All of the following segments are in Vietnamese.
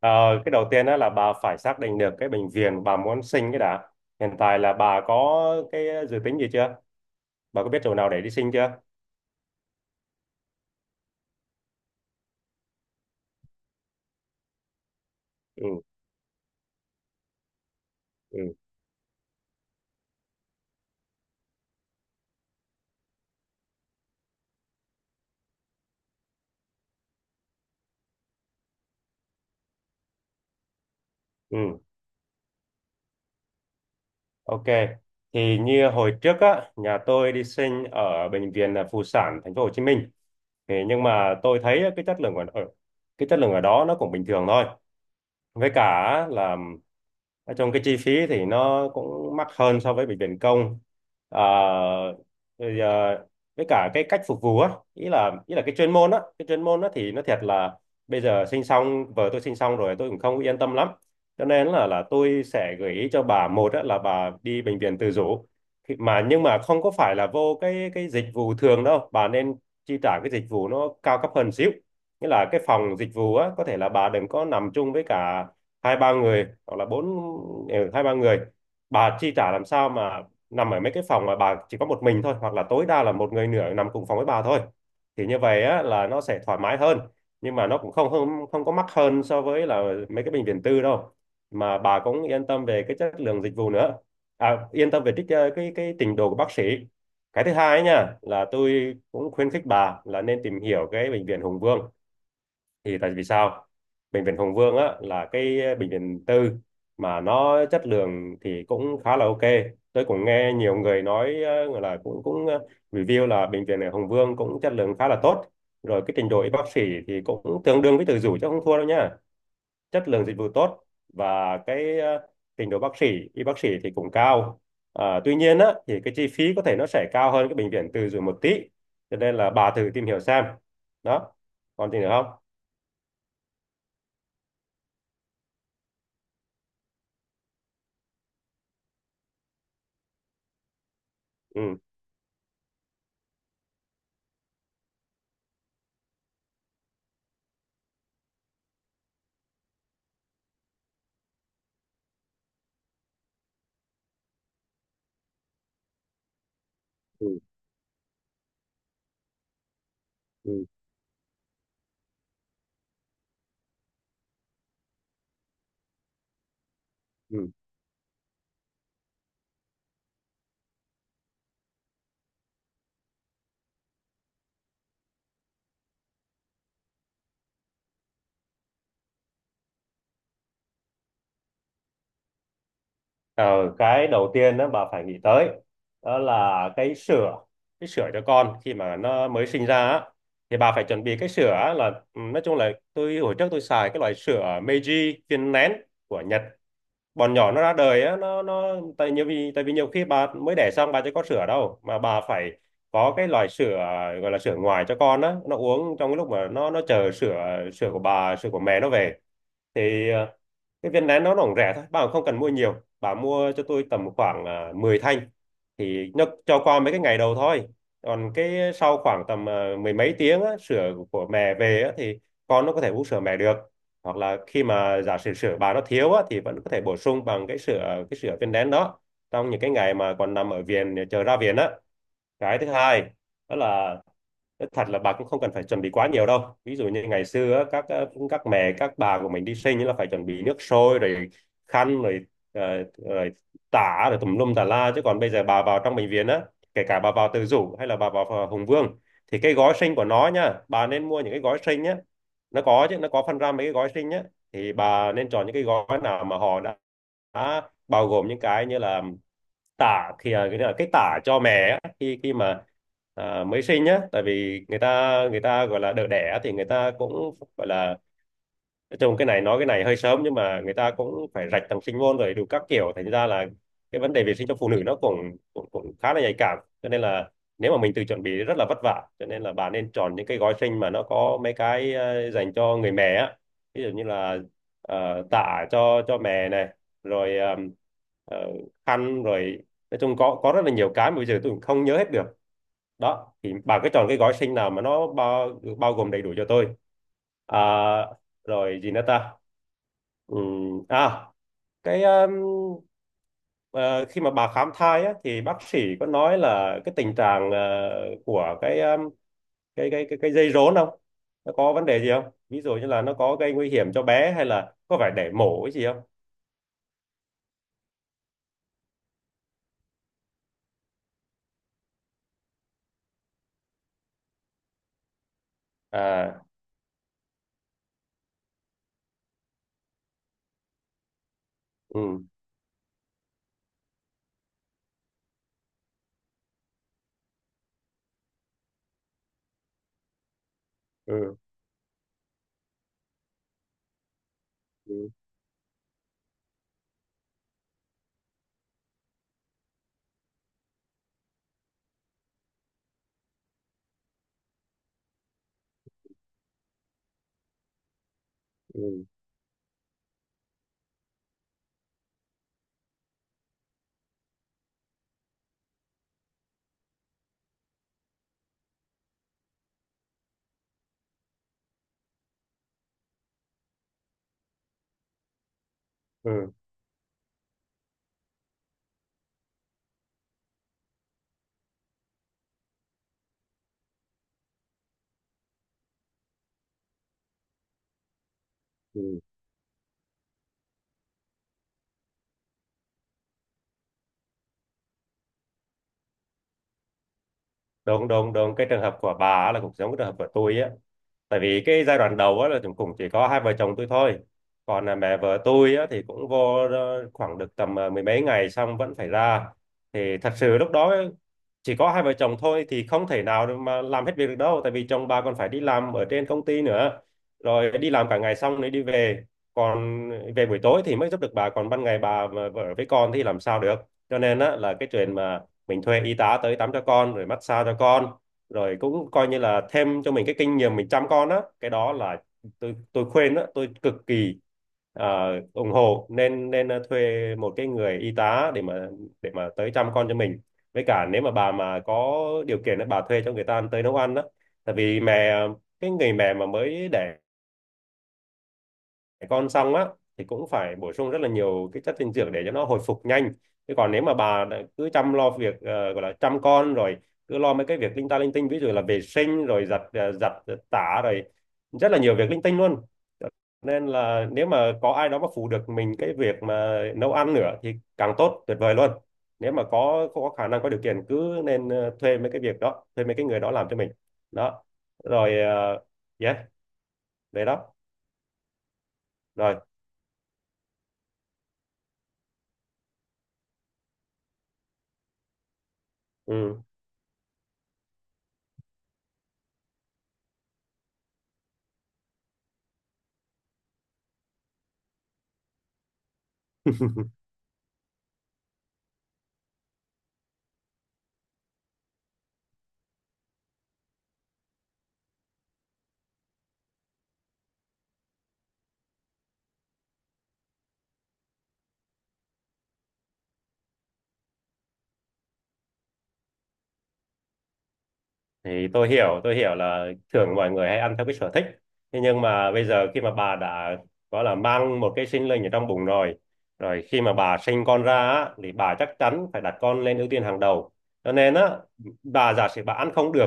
Ờ, cái đầu tiên đó là bà phải xác định được cái bệnh viện bà muốn sinh cái đã. Hiện tại là bà có cái dự tính gì chưa? Bà có biết chỗ nào để đi sinh chưa? Ừ, ừ, ừ, ok. Thì như hồi trước á, nhà tôi đi sinh ở bệnh viện là Phụ sản thành phố Hồ Chí Minh. Thì nhưng mà tôi thấy cái chất lượng ở ở- cái chất lượng ở đó nó cũng bình thường thôi. Với cả á, là nói chung cái chi phí thì nó cũng mắc hơn so với bệnh viện công, à, rồi, à, với cả cái cách phục vụ á ý là cái chuyên môn á thì nó thiệt là bây giờ sinh xong, vợ tôi sinh xong rồi tôi cũng không yên tâm lắm, cho nên là tôi sẽ gợi ý cho bà một á, là bà đi bệnh viện tự chủ. Mà nhưng mà không có phải là vô cái dịch vụ thường đâu, bà nên chi trả cái dịch vụ nó cao cấp hơn xíu, nghĩa là cái phòng dịch vụ á có thể là bà đừng có nằm chung với cả hai ba người hoặc là bốn. Hai ba người bà chi trả làm sao mà nằm ở mấy cái phòng mà bà chỉ có một mình thôi, hoặc là tối đa là một người nửa nằm cùng phòng với bà thôi, thì như vậy á là nó sẽ thoải mái hơn. Nhưng mà nó cũng không không không có mắc hơn so với là mấy cái bệnh viện tư đâu, mà bà cũng yên tâm về cái chất lượng dịch vụ nữa, à, yên tâm về cái trình độ của bác sĩ. Cái thứ hai ấy nha là tôi cũng khuyến khích bà là nên tìm hiểu cái bệnh viện Hùng Vương. Thì tại vì sao? Bệnh viện Hùng Vương á là cái bệnh viện tư mà nó chất lượng thì cũng khá là ok. Tôi cũng nghe nhiều người nói là cũng cũng ờ, review là bệnh viện ở Hùng Vương cũng chất lượng khá là tốt, rồi cái trình độ y bác sĩ thì cũng tương đương với Từ Dũ chứ không thua đâu nha. Chất lượng dịch vụ tốt và cái trình độ bác sĩ y bác sĩ thì cũng cao. À, tuy nhiên á thì cái chi phí có thể nó sẽ cao hơn cái bệnh viện Từ Dũ một tí, cho nên là bà thử tìm hiểu xem. Đó. Còn gì nữa không? Ừ, ừ. Ừ. Ờ, cái đầu tiên đó bà phải nghĩ tới, đó là cái sữa, cái sữa cho con khi mà nó mới sinh ra á, thì bà phải chuẩn bị cái sữa á là, nói chung là tôi hồi trước tôi xài cái loại sữa Meiji viên nén của Nhật. Bọn nhỏ nó ra đời á, nó tại vì nhiều khi bà mới đẻ xong bà chưa có sữa đâu, mà bà phải có cái loại sữa gọi là sữa ngoài cho con á, nó uống trong cái lúc mà nó chờ sữa sữa của bà sữa của mẹ nó về. Thì cái viên nén nó cũng rẻ thôi, bà cũng không cần mua nhiều, bà mua cho tôi tầm khoảng 10 thanh, thì nó cho qua mấy cái ngày đầu thôi. Còn cái sau khoảng tầm mười mấy tiếng á, sữa của mẹ về á, thì con nó có thể uống sữa mẹ được, hoặc là khi mà giả sử sữa bà nó thiếu á, thì vẫn có thể bổ sung bằng cái sữa viên nén đó trong những cái ngày mà còn nằm ở viện chờ ra viện á. Cái thứ hai, đó là nói thật là bà cũng không cần phải chuẩn bị quá nhiều đâu, ví dụ như ngày xưa á, các mẹ các bà của mình đi sinh ấy là phải chuẩn bị nước sôi rồi khăn rồi rồi tả rồi tùm lum tà la, chứ còn bây giờ bà vào trong bệnh viện á, kể cả bà vào Từ Dũ hay là bà vào Hùng Vương, thì cái gói sinh của nó nha, bà nên mua những cái gói sinh nhé, nó có chứ, nó có phân ra mấy cái gói sinh nhé, thì bà nên chọn những cái gói nào mà họ đã bao gồm những cái như là tả thì à, cái là cái tả cho mẹ á, khi khi mà mới sinh nhá, tại vì người ta gọi là đỡ đẻ thì người ta cũng gọi là, nói chung cái này nói cái này hơi sớm nhưng mà người ta cũng phải rạch tầng sinh môn rồi đủ các kiểu, thành ra là cái vấn đề vệ sinh cho phụ nữ nó cũng cũng, cũng khá là nhạy cảm, cho nên là nếu mà mình tự chuẩn bị rất là vất vả, cho nên là bà nên chọn những cái gói sinh mà nó có mấy cái dành cho người mẹ á. Ví dụ như là tã cho mẹ này, rồi ờ, khăn rồi, nói chung có rất là nhiều cái mà bây giờ tôi cũng không nhớ hết được. Đó thì bà cứ chọn cái gói sinh nào mà nó bao bao gồm đầy đủ cho tôi. À, rồi gì nữa ta. À, cái um, ờ, khi mà bà khám thai á, thì bác sĩ có nói là cái tình trạng của cái dây rốn không, nó có vấn đề gì không, ví dụ như là nó có gây nguy hiểm cho bé hay là có phải để mổ cái gì không. À, ừ, ừ, ừ, ừ, ừ, ừ. Đúng, đúng, đúng, cái trường hợp của bà á là cũng giống cái trường hợp của tôi á, tại vì cái giai đoạn đầu á là chúng cũng chỉ có hai vợ chồng tôi thôi, còn là mẹ vợ tôi á thì cũng vô khoảng được tầm mười mấy ngày xong vẫn phải ra, thì thật sự lúc đó ấy, chỉ có hai vợ chồng thôi thì không thể nào để mà làm hết việc được đâu, tại vì chồng bà còn phải đi làm ở trên công ty nữa, rồi đi làm cả ngày xong rồi đi về, còn về buổi tối thì mới giúp được bà, còn ban ngày bà mà ở với con thì làm sao được. Cho nên á là cái chuyện mà mình thuê y tá tới tắm cho con rồi massage cho con, rồi cũng coi như là thêm cho mình cái kinh nghiệm mình chăm con á, cái đó là tôi khuyên đó, tôi cực kỳ ủng hộ, nên nên ờ, thuê một cái người y tá để mà tới chăm con cho mình. Với cả nếu mà bà mà có điều kiện á, bà thuê cho người ta tới nấu ăn đó, tại vì cái người mẹ mà mới đẻ con xong á thì cũng phải bổ sung rất là nhiều cái chất dinh dưỡng để cho nó hồi phục nhanh. Chứ còn nếu mà bà đã cứ chăm lo việc gọi là chăm con rồi, cứ lo mấy cái việc linh ta linh tinh, ví dụ là vệ sinh rồi giặt tả rồi, rất là nhiều việc linh tinh luôn, nên là nếu mà có ai đó mà phụ được mình cái việc mà nấu ăn nữa thì càng tốt, tuyệt vời luôn. Nếu mà có khả năng có điều kiện cứ nên thuê mấy cái việc đó, thuê mấy cái người đó làm cho mình. Đó. Rồi. Ờ, yeah. Đấy đó. Rồi. Ừ. Thì tôi hiểu là thường mọi người hay ăn theo cái sở thích, thế nhưng mà bây giờ khi mà bà đã gọi là mang một cái sinh linh ở trong bụng rồi, rồi khi mà bà sinh con ra á, thì bà chắc chắn phải đặt con lên ưu tiên hàng đầu. Cho nên á, bà giả sử bà ăn không được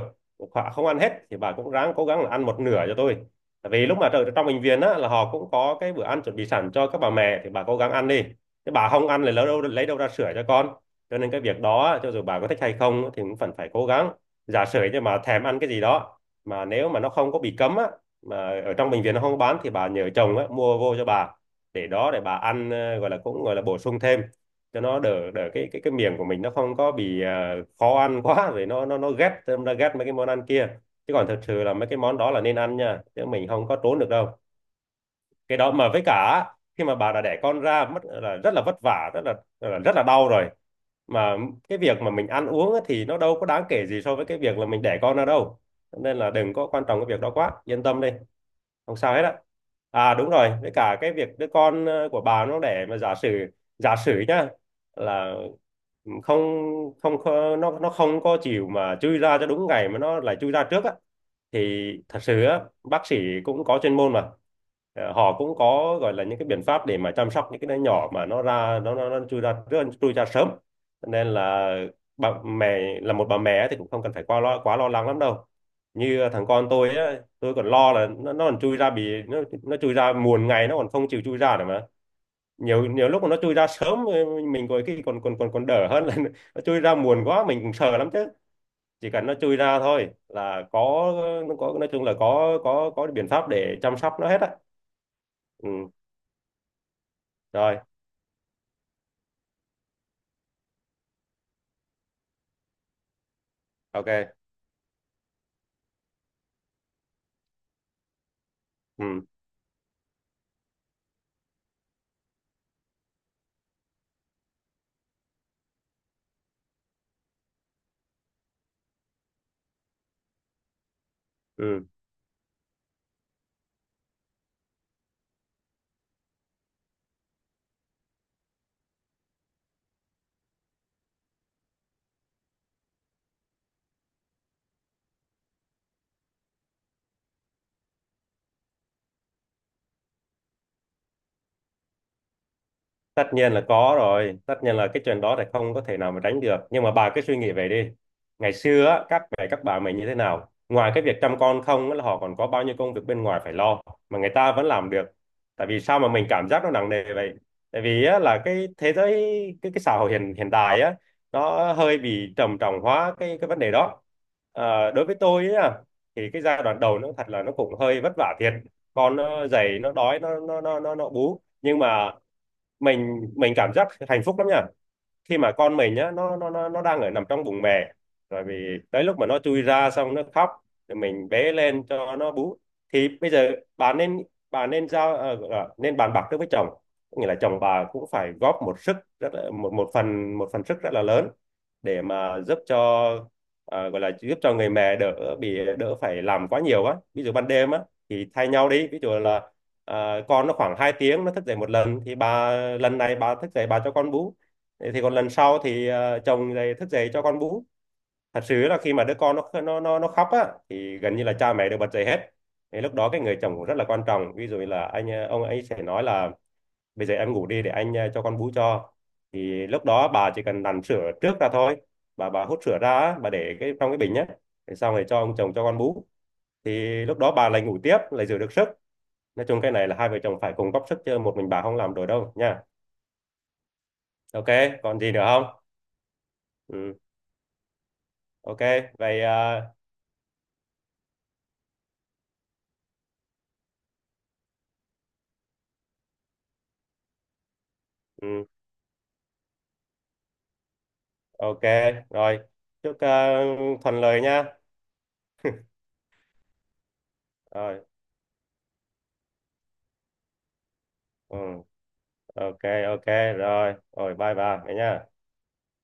hoặc không ăn hết thì bà cũng ráng cố gắng là ăn một nửa cho tôi. Tại vì lúc mà ở trong bệnh viện á là họ cũng có cái bữa ăn chuẩn bị sẵn cho các bà mẹ thì bà cố gắng ăn đi, chứ bà không ăn thì lấy đâu ra sữa cho con. Cho nên cái việc đó á, cho dù bà có thích hay không thì cũng vẫn phải cố gắng. Giả sử như mà thèm ăn cái gì đó mà nếu mà nó không có bị cấm á mà ở trong bệnh viện nó không có bán thì bà nhờ chồng á Mua vô cho bà để đó để bà ăn, gọi là cũng gọi là bổ sung thêm cho nó đỡ đỡ cái miệng của mình nó không có bị, khó ăn quá rồi nó ghét, nó ghét mấy cái món ăn kia. Chứ còn thật sự là mấy cái món đó là nên ăn nha, chứ mình không có trốn được đâu cái đó. Mà với cả khi mà bà đã đẻ con ra mất là rất là vất vả, rất là rất là đau rồi. Mà cái việc mà mình ăn uống á thì nó đâu có đáng kể gì so với cái việc là mình đẻ con ra đâu. Nên là đừng có quan trọng cái việc đó quá, yên tâm đi, không sao hết á. À đúng rồi, với cả cái việc đứa con, của bà nó để mà giả sử, giả sử nhá, là không, nó nó không có chịu mà chui ra cho đúng ngày mà nó lại chui ra trước á, thì thật sự á bác sĩ cũng có chuyên môn mà. Ờ, họ cũng có gọi là những cái biện pháp để mà chăm sóc những cái đứa nhỏ mà nó ra nó chui ra trước, chui ra sớm. Cho nên là bà mẹ, là một bà mẹ thì cũng không cần phải quá lo, quá lo lắng lắm đâu. Như, thằng con tôi á, tôi còn lo là nó còn chui ra bì nó chui ra muộn ngày, nó còn không chịu chui ra nữa mà. Nhiều, nhiều lúc mà nó chui ra sớm, mình còn cái còn còn còn còn đỡ hơn là nó chui ra muộn quá mình cũng sợ lắm chứ. Chỉ cần nó chui ra thôi là có, nó có, nói chung là có có biện pháp để chăm sóc nó hết á. Ừ. Rồi. Ok. Ừ. Ừ. Tất nhiên là có rồi, tất nhiên là cái chuyện đó thì không có thể nào mà tránh được, nhưng mà bà cứ suy nghĩ về đi. Ngày xưa á, các mẹ các bà mình như thế nào, ngoài cái việc chăm con không á, là họ còn có bao nhiêu công việc bên ngoài phải lo mà người ta vẫn làm được. Tại vì sao mà mình cảm giác nó nặng nề vậy? Tại vì á, là cái thế giới, cái xã hội hiện hiện đại á nó hơi bị trầm trọng hóa cái vấn đề đó. Ờ, đối với tôi á thì cái giai đoạn đầu nó thật là nó cũng hơi vất vả thiệt. Con nó dậy nó đói, nó bú, nhưng mà mình cảm giác hạnh phúc lắm nha. Khi mà con mình á nó đang ở nằm trong bụng mẹ, rồi vì tới lúc mà nó chui ra xong nó khóc thì mình bế lên cho nó bú. Thì bây giờ bà nên, bà nên giao, gọi là nên bàn bạc trước với chồng. Có nghĩa là chồng bà cũng phải góp một sức rất là, một một phần, một phần sức rất là lớn để mà giúp cho, gọi là giúp cho người mẹ đỡ bị, đỡ phải làm quá nhiều á. Ví dụ ban đêm á thì thay nhau đi, ví dụ là, con nó khoảng 2 tiếng nó thức dậy một lần, thì bà, lần này bà thức dậy bà cho con bú, thì còn lần sau thì, chồng dậy, thức dậy cho con bú. Thật sự là khi mà đứa con nó khóc á thì gần như là cha mẹ đều bật dậy hết. Thì lúc đó cái người chồng cũng rất là quan trọng, ví dụ như là anh, ông ấy sẽ nói là bây giờ em ngủ đi để anh, cho con bú cho. Thì lúc đó bà chỉ cần đằn sữa trước ra thôi, bà hút sữa ra á, bà để cái trong cái bình nhé. Để xong rồi cho ông chồng cho con bú, thì lúc đó bà lại ngủ tiếp, lại giữ được sức. Nói chung cái này là hai vợ chồng phải cùng góp sức, chứ một mình bà không làm được đâu nha. Ok. Còn gì nữa không? Ừ. Ok. Vậy, ừ, ok, rồi, chúc, thuận lợi nha. Rồi. Ừ, ok. Ok. Rồi rồi, bye bà vậy nha.